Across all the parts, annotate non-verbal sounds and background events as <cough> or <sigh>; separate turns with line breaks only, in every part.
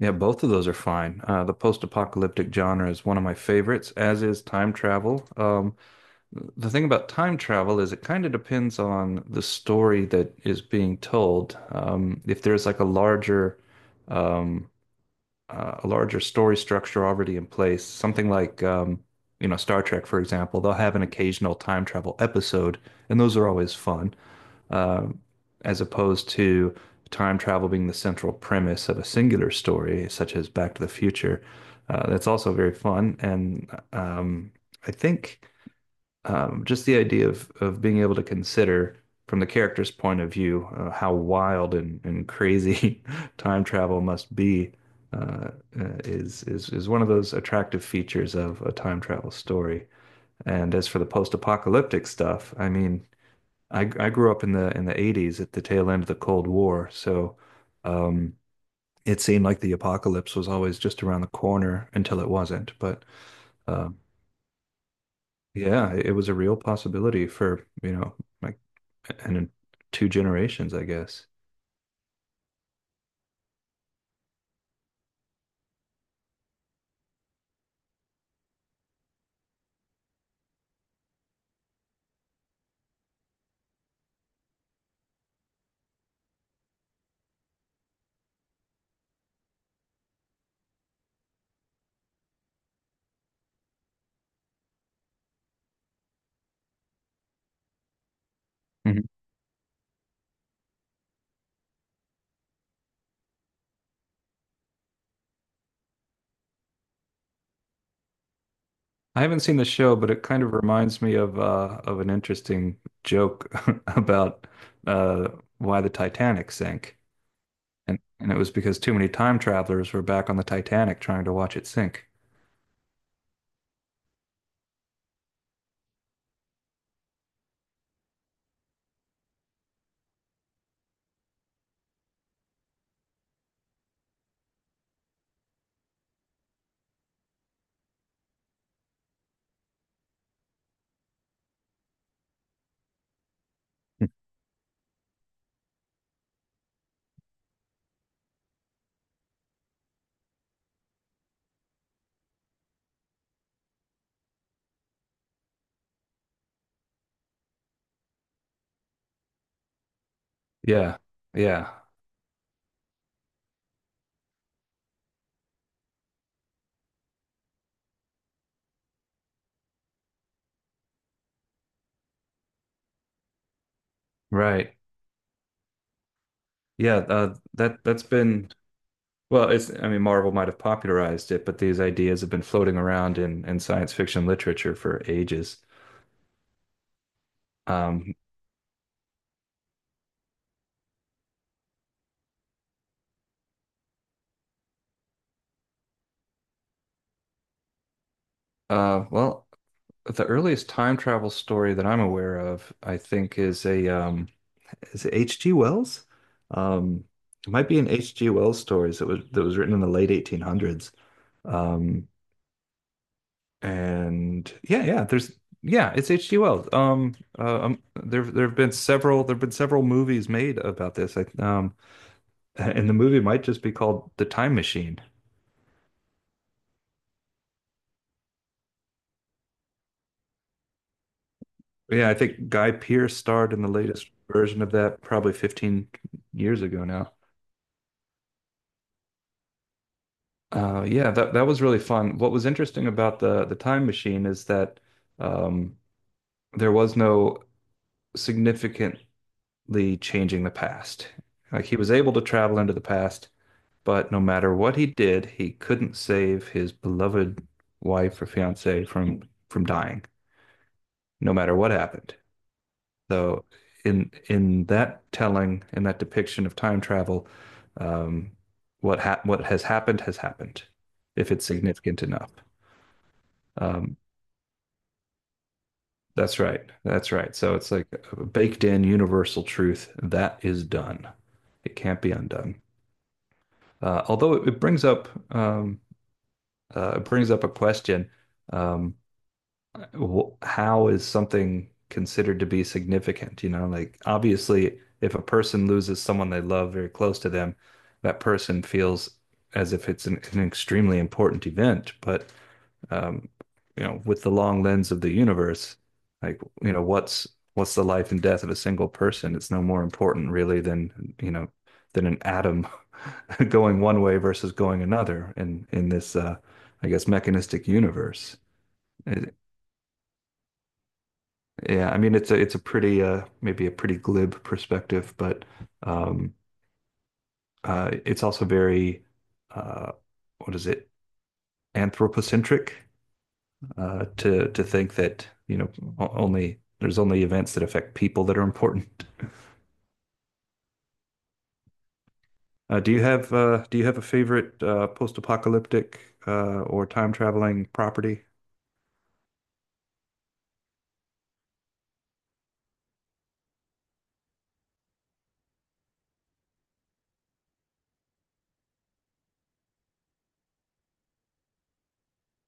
Yeah, both of those are fine. The post-apocalyptic genre is one of my favorites, as is time travel. The thing about time travel is it kind of depends on the story that is being told. If there's like a larger, um, a larger story structure already in place, something like, you know, Star Trek, for example, they'll have an occasional time travel episode, and those are always fun um, as opposed to time travel being the central premise of a singular story, such as Back to the Future. That's also very fun, and um, I think just the idea of being able to consider from the character's point of view how wild and crazy <laughs> time travel must be uh, is one of those attractive features of a time travel story. And as for the post-apocalyptic stuff, I mean, I grew up in the '80s at the tail end of the Cold War, so um, it seemed like the apocalypse was always just around the corner until it wasn't. But um, yeah, it was a real possibility for, you know, like and in two generations, I guess. Mhm. I haven't seen the show, but it kind of reminds me of an interesting joke <laughs> about uh, why the Titanic sank. And it was because too many time travelers were back on the Titanic trying to watch it sink. Yeah. Yeah. Right. Yeah, that that's been well, it's I mean Marvel might have popularized it, but these ideas have been floating around in science fiction literature for ages. Um well, the earliest time travel story that I'm aware of, I think is a is it H.G. Wells? Um, it might be an H.G. Wells stories that was written in the late 1800s. Um And yeah, yeah, there's yeah, it's H.G. Wells. There have been several movies made about this. <laughs> And the movie might just be called The Time Machine. Yeah, I think Guy Pearce starred in the latest version of that probably 15 years ago now. Yeah, that that was really fun. What was interesting about the Time Machine is that um, there was no significantly changing the past. Like he was able to travel into the past. But no matter what he did, he couldn't save his beloved wife or fiancée from dying, no matter what happened. Though in that telling, in that depiction of time travel, um, what ha what has happened, if it's significant enough. Um, that's right. That's right. So it's like a baked in universal truth that is done. It can't be undone. Although um, it brings up a question. Um, how is something considered to be significant? You know, like obviously, if a person loses someone they love very close to them, that person feels as if it's an extremely important event. But um, you know, with the long lens of the universe, like you know, what's the life and death of a single person? It's no more important really than you know than an atom <laughs> going one way versus going another in this I guess mechanistic universe. Yeah, I mean it's a pretty maybe a pretty glib perspective, but um it's also very uh what is it? Anthropocentric to think that, you know, o- only there's only events that affect people that are important. Do you have a favorite post-apocalyptic or time traveling property?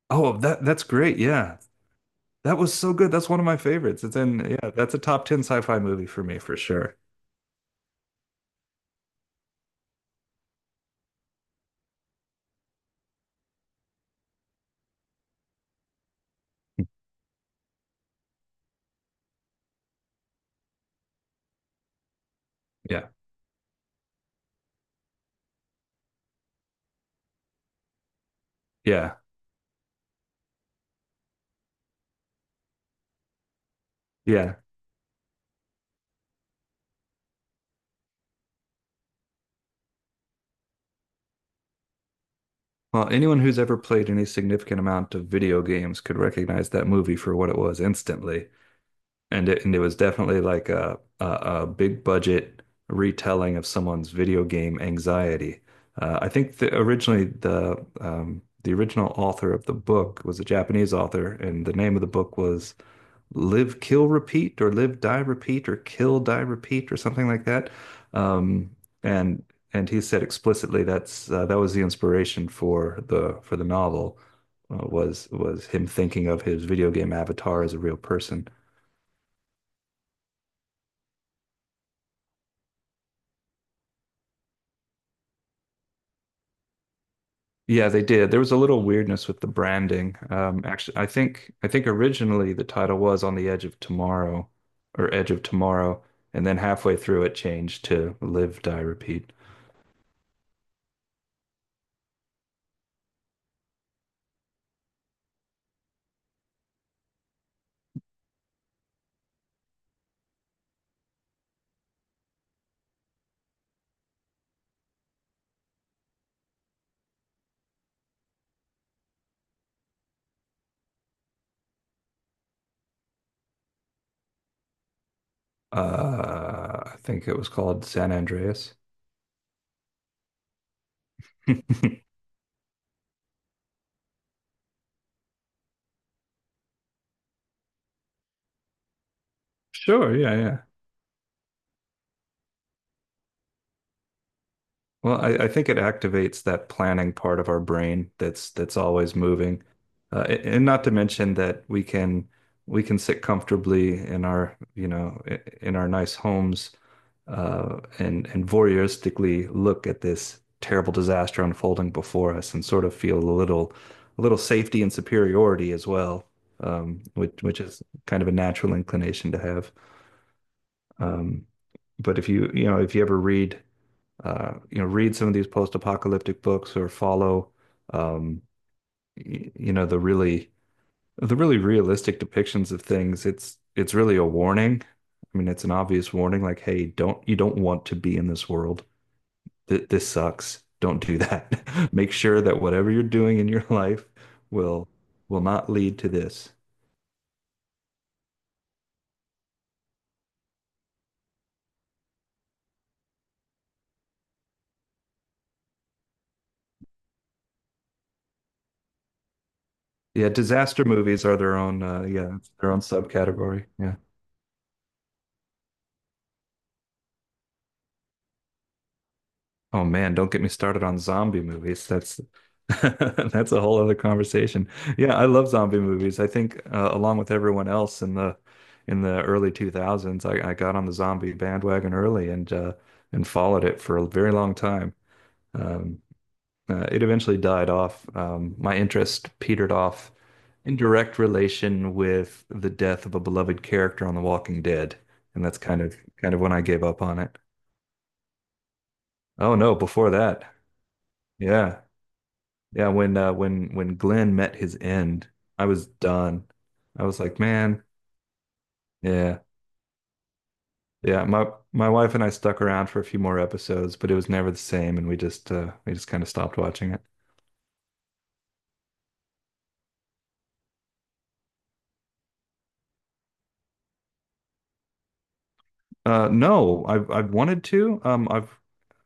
Oh, that that's great. Yeah. That was so good. That's one of my favorites. It's in Yeah, that's a top 10 sci-fi movie for me for sure. Yeah. Yeah. Yeah. Well, anyone who's ever played any significant amount of video games could recognize that movie for what it was instantly. And it was definitely like a big budget retelling of someone's video game anxiety. I think originally the original author of the book was a Japanese author, and the name of the book was live, kill, repeat, or live, die, repeat, or kill, die, repeat, or something like that. Um, and and he said explicitly that's that was the inspiration for the novel was him thinking of his video game avatar as a real person. Yeah, they did. There was a little weirdness with the branding. Actually, I think originally the title was On the Edge of Tomorrow or Edge of Tomorrow, and then halfway through it changed to Live, Die, Repeat. I think it was called San Andreas. <laughs> Sure, yeah, yeah. Well, I think it activates that planning part of our brain that's always moving. And not to mention that we can sit comfortably in our, you know, in our nice homes and voyeuristically look at this terrible disaster unfolding before us and sort of feel a little safety and superiority as well, which is kind of a natural inclination to have. Um, but if you, you know, if you ever read, you know, read some of these post-apocalyptic books or follow, um, you know, the really realistic depictions of things, it's really a warning. I mean, it's an obvious warning, like, hey, don't, you don't want to be in this world. Th This sucks. Don't do that. <laughs> Make sure that whatever you're doing in your <laughs> life will, will not lead to this. Yeah, disaster movies are their own, it's their own subcategory. Yeah. Oh man, don't get me started on zombie movies. That's <laughs> that's a whole other conversation. Yeah, I love zombie movies. I think along with everyone else in the early 2000s, I got on the zombie bandwagon early and followed it for a very long time. Um, it eventually died off. My interest petered off in direct relation with the death of a beloved character on The Walking Dead, and that's kind of when I gave up on it. Oh no, before that. Yeah, yeah, when when Glenn met his end, I was done. I was like, man, yeah, yeah. My wife and I stuck around for a few more episodes, but it was never the same, and we just we just kind of stopped watching it. No, I've wanted to.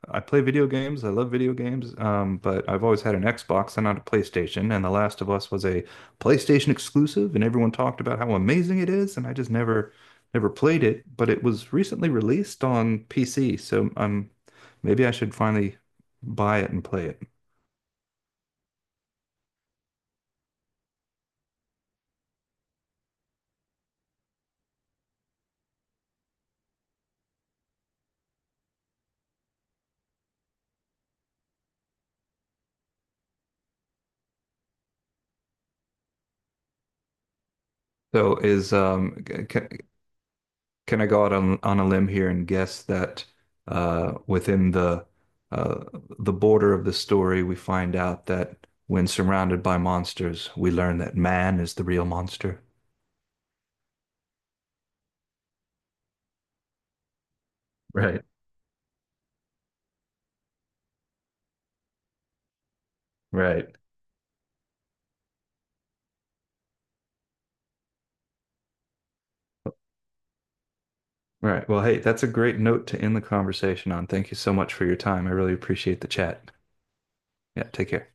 I play video games. I love video games. But I've always had an Xbox and not a PlayStation. And The Last of Us was a PlayStation exclusive, and everyone talked about how amazing it is. And I just never played it. But it was recently released on PC, so maybe I should finally buy it and play it. So is um, c- Can I go out on a limb here and guess that within uh, the border of the story, we find out that when surrounded by monsters, we learn that man is the real monster. Right, right. Right. Well, hey, that's a great note to end the conversation on. Thank you so much for your time. I really appreciate the chat. Yeah, take care.